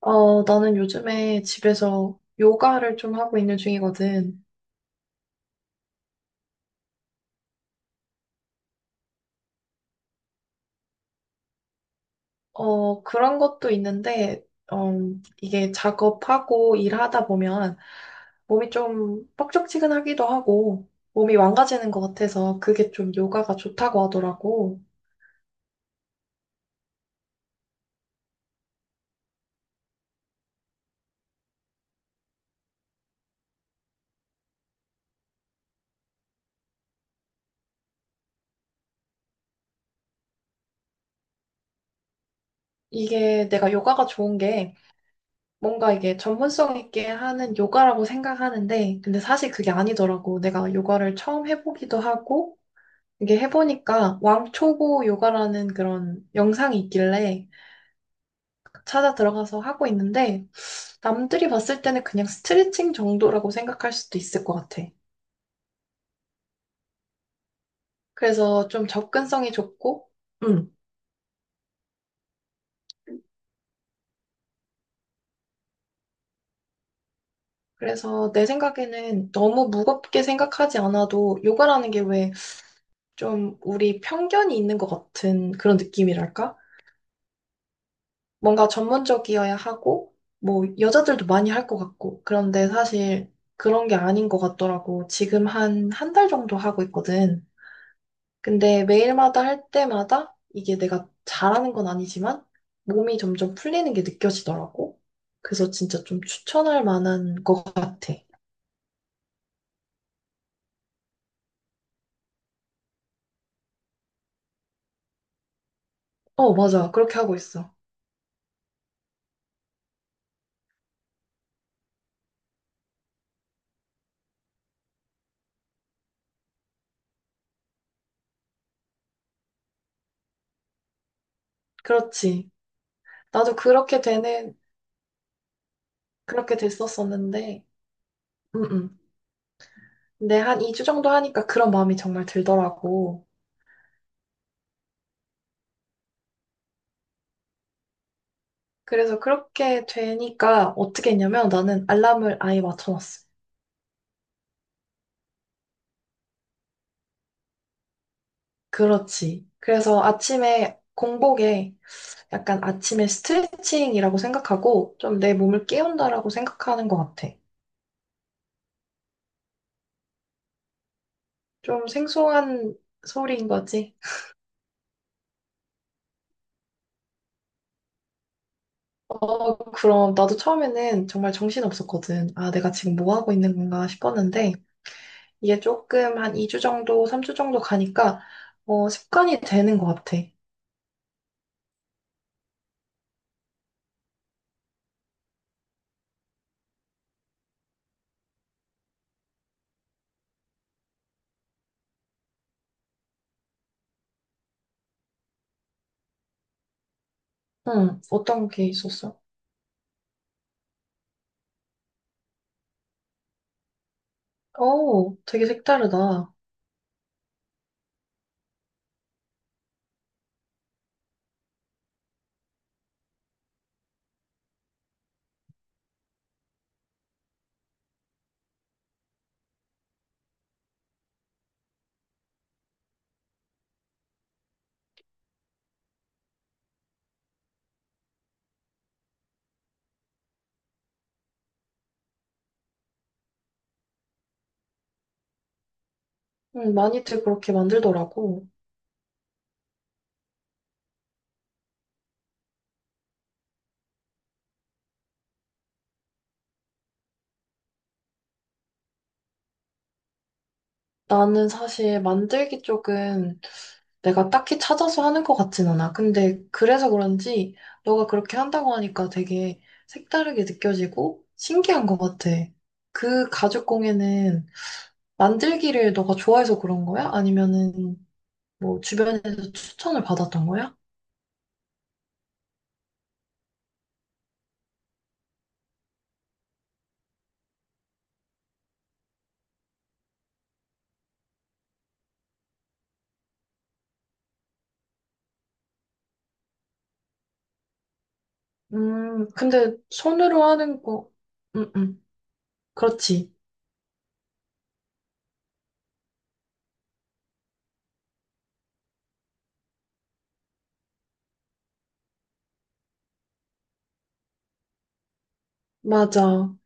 나는 요즘에 집에서 요가를 좀 하고 있는 중이거든. 그런 것도 있는데, 어, 이게 작업하고 일하다 보면 몸이 좀 뻑적지근하기도 하고 몸이 망가지는 것 같아서 그게 좀 요가가 좋다고 하더라고. 이게 내가 요가가 좋은 게 뭔가 이게 전문성 있게 하는 요가라고 생각하는데, 근데 사실 그게 아니더라고. 내가 요가를 처음 해보기도 하고, 이게 해보니까 왕초보 요가라는 그런 영상이 있길래 찾아 들어가서 하고 있는데 남들이 봤을 때는 그냥 스트레칭 정도라고 생각할 수도 있을 것 같아. 그래서 좀 접근성이 좋고, 음. 그래서 내 생각에는 너무 무겁게 생각하지 않아도 요가라는 게 왜 좀 우리 편견이 있는 것 같은 그런 느낌이랄까? 뭔가 전문적이어야 하고, 뭐, 여자들도 많이 할 것 같고, 그런데 사실 그런 게 아닌 것 같더라고. 지금 한, 한 달 정도 하고 있거든. 근데 매일마다 할 때마다 이게 내가 잘하는 건 아니지만 몸이 점점 풀리는 게 느껴지더라고. 그래서 진짜 좀 추천할 만한 것 같아. 맞아. 그렇게 하고 있어. 그렇지. 나도 그렇게 되는, 그렇게 됐었었는데, 음, 음. 근데 한 2주 정도 하니까 그런 마음이 정말 들더라고. 그래서 그렇게 되니까 어떻게 했냐면 나는 알람을 아예 맞춰놨어. 그렇지. 그래서 아침에 공복에 약간 아침에 스트레칭이라고 생각하고 좀 내 몸을 깨운다라고 생각하는 것 같아. 좀 생소한 소리인 거지. 그럼 나도 처음에는 정말 정신없었거든. 아, 내가 지금 뭐 하고 있는 건가 싶었는데 이게 조금 한 2주 정도, 3주 정도 가니까 습관이 되는 것 같아. 응, 어떤 게 있었어? 되게 색다르다. 응, 많이들 그렇게 만들더라고. 나는 사실 만들기 쪽은 내가 딱히 찾아서 하는 것 같진 않아. 근데 그래서 그런지 너가 그렇게 한다고 하니까 되게 색다르게 느껴지고 신기한 것 같아. 그 가죽공예는 만들기를 너가 좋아해서 그런 거야? 아니면은 뭐 주변에서 추천을 받았던 거야? 근데 손으로 하는 거, 응, 응, 그렇지. 맞아.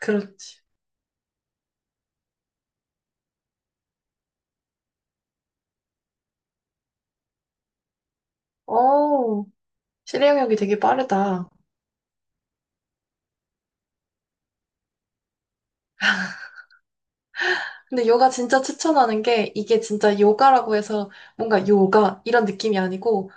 그렇지. 오, 실행력이 되게 빠르다. 근데 요가 진짜 추천하는 게 이게 진짜 요가라고 해서 뭔가 요가 이런 느낌이 아니고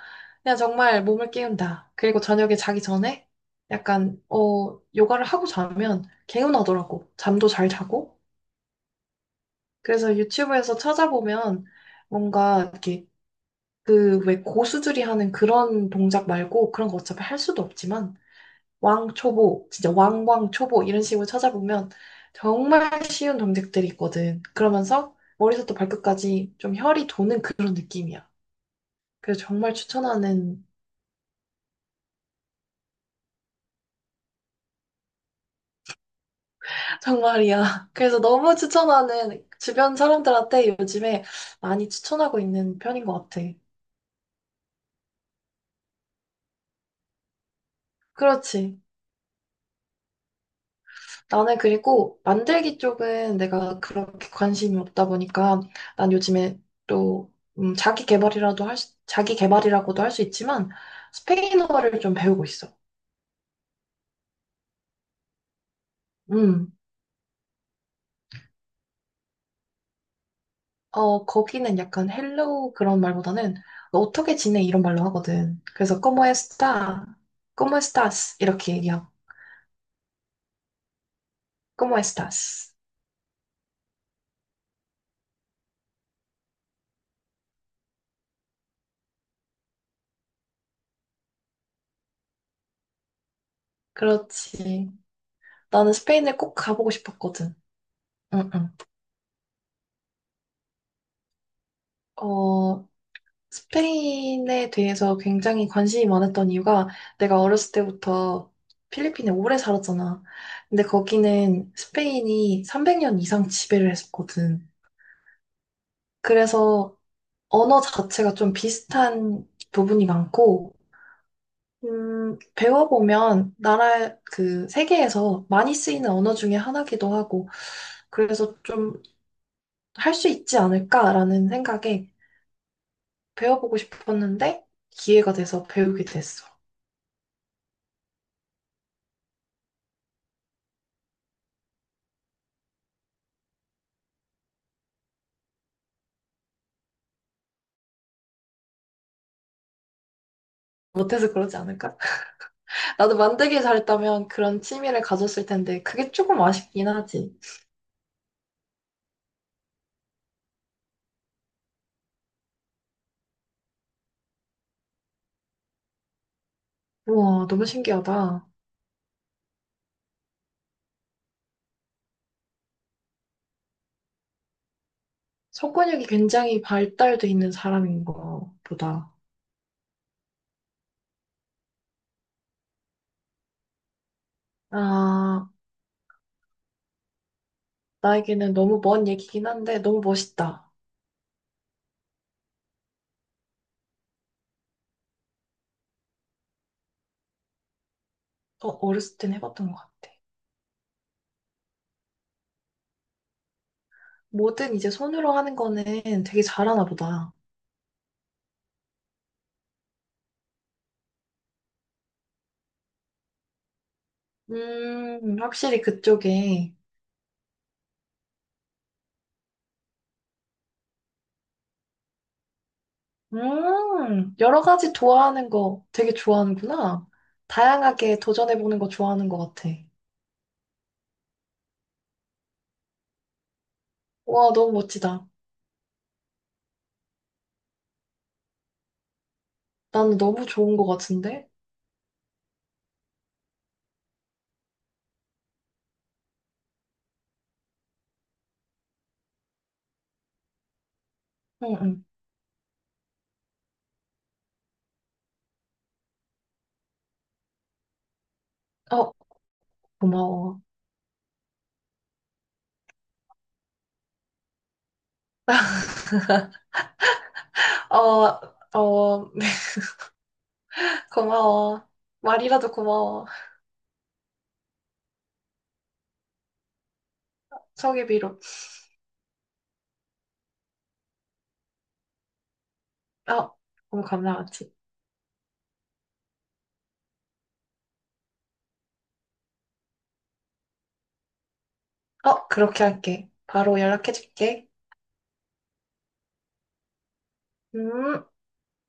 그냥 정말 몸을 깨운다. 그리고 저녁에 자기 전에 약간 요가를 하고 자면 개운하더라고. 잠도 잘 자고. 그래서 유튜브에서 찾아보면 뭔가 이렇게 그 왜 고수들이 하는 그런 동작 말고 그런 거 어차피 할 수도 없지만 왕초보, 진짜 왕왕초보 이런 식으로 찾아보면 정말 쉬운 정책들이 있거든. 그러면서 머리부터 발끝까지 좀 혈이 도는 그런 느낌이야. 그래서 정말 추천하는, 정말이야. 그래서 너무 추천하는 주변 사람들한테 요즘에 많이 추천하고 있는 편인 것 같아. 그렇지. 나는 그리고 만들기 쪽은 내가 그렇게 관심이 없다 보니까 난 요즘에 또 자기 개발이라도 할 수, 자기 개발이라고도 할 수 있지만 스페인어를 좀 배우고 있어. 음. 거기는 약간 헬로우 그런 말보다는 너 어떻게 지내 이런 말로 하거든. 그래서 como está? como estás? 이렇게 얘기하고 como estás? 그렇지. 나는 스페인을 꼭 가보고 싶었거든. 응, 응. 어, 스페인에 대해서 굉장히 관심이 많았던 이유가 내가 어렸을 때부터 필리핀에 오래 살았잖아. 근데 거기는 스페인이 300년 이상 지배를 했었거든. 그래서 언어 자체가 좀 비슷한 부분이 많고, 배워보면 세계에서 많이 쓰이는 언어 중에 하나기도 하고, 그래서 좀 할 수 있지 않을까라는 생각에 배워보고 싶었는데 기회가 돼서 배우게 됐어. 못해서 그러지 않을까? 나도 만들기 잘했다면 그런 취미를 가졌을 텐데 그게 조금 아쉽긴 하지. 우와, 너무 신기하다. 속근육이 굉장히 발달돼 있는 사람인 거 보다. 아, 나에게는 너무 먼 얘기긴 한데 너무 멋있다. 어렸을 땐 해봤던 것 같아. 뭐든 이제 손으로 하는 거는 되게 잘하나 보다. 확실히 그쪽에. 여러 가지 좋아하는 거 되게 좋아하는구나. 다양하게 도전해보는 거 좋아하는 것 같아. 와, 너무 멋지다. 나는 너무 좋은 것 같은데? 응, 응. 어, 고마워. 어, 어, 고마워. 말이라도 고마워. 소개비로. 어, 너무 감사하지. 그렇게 할게. 바로 연락해줄게. 음.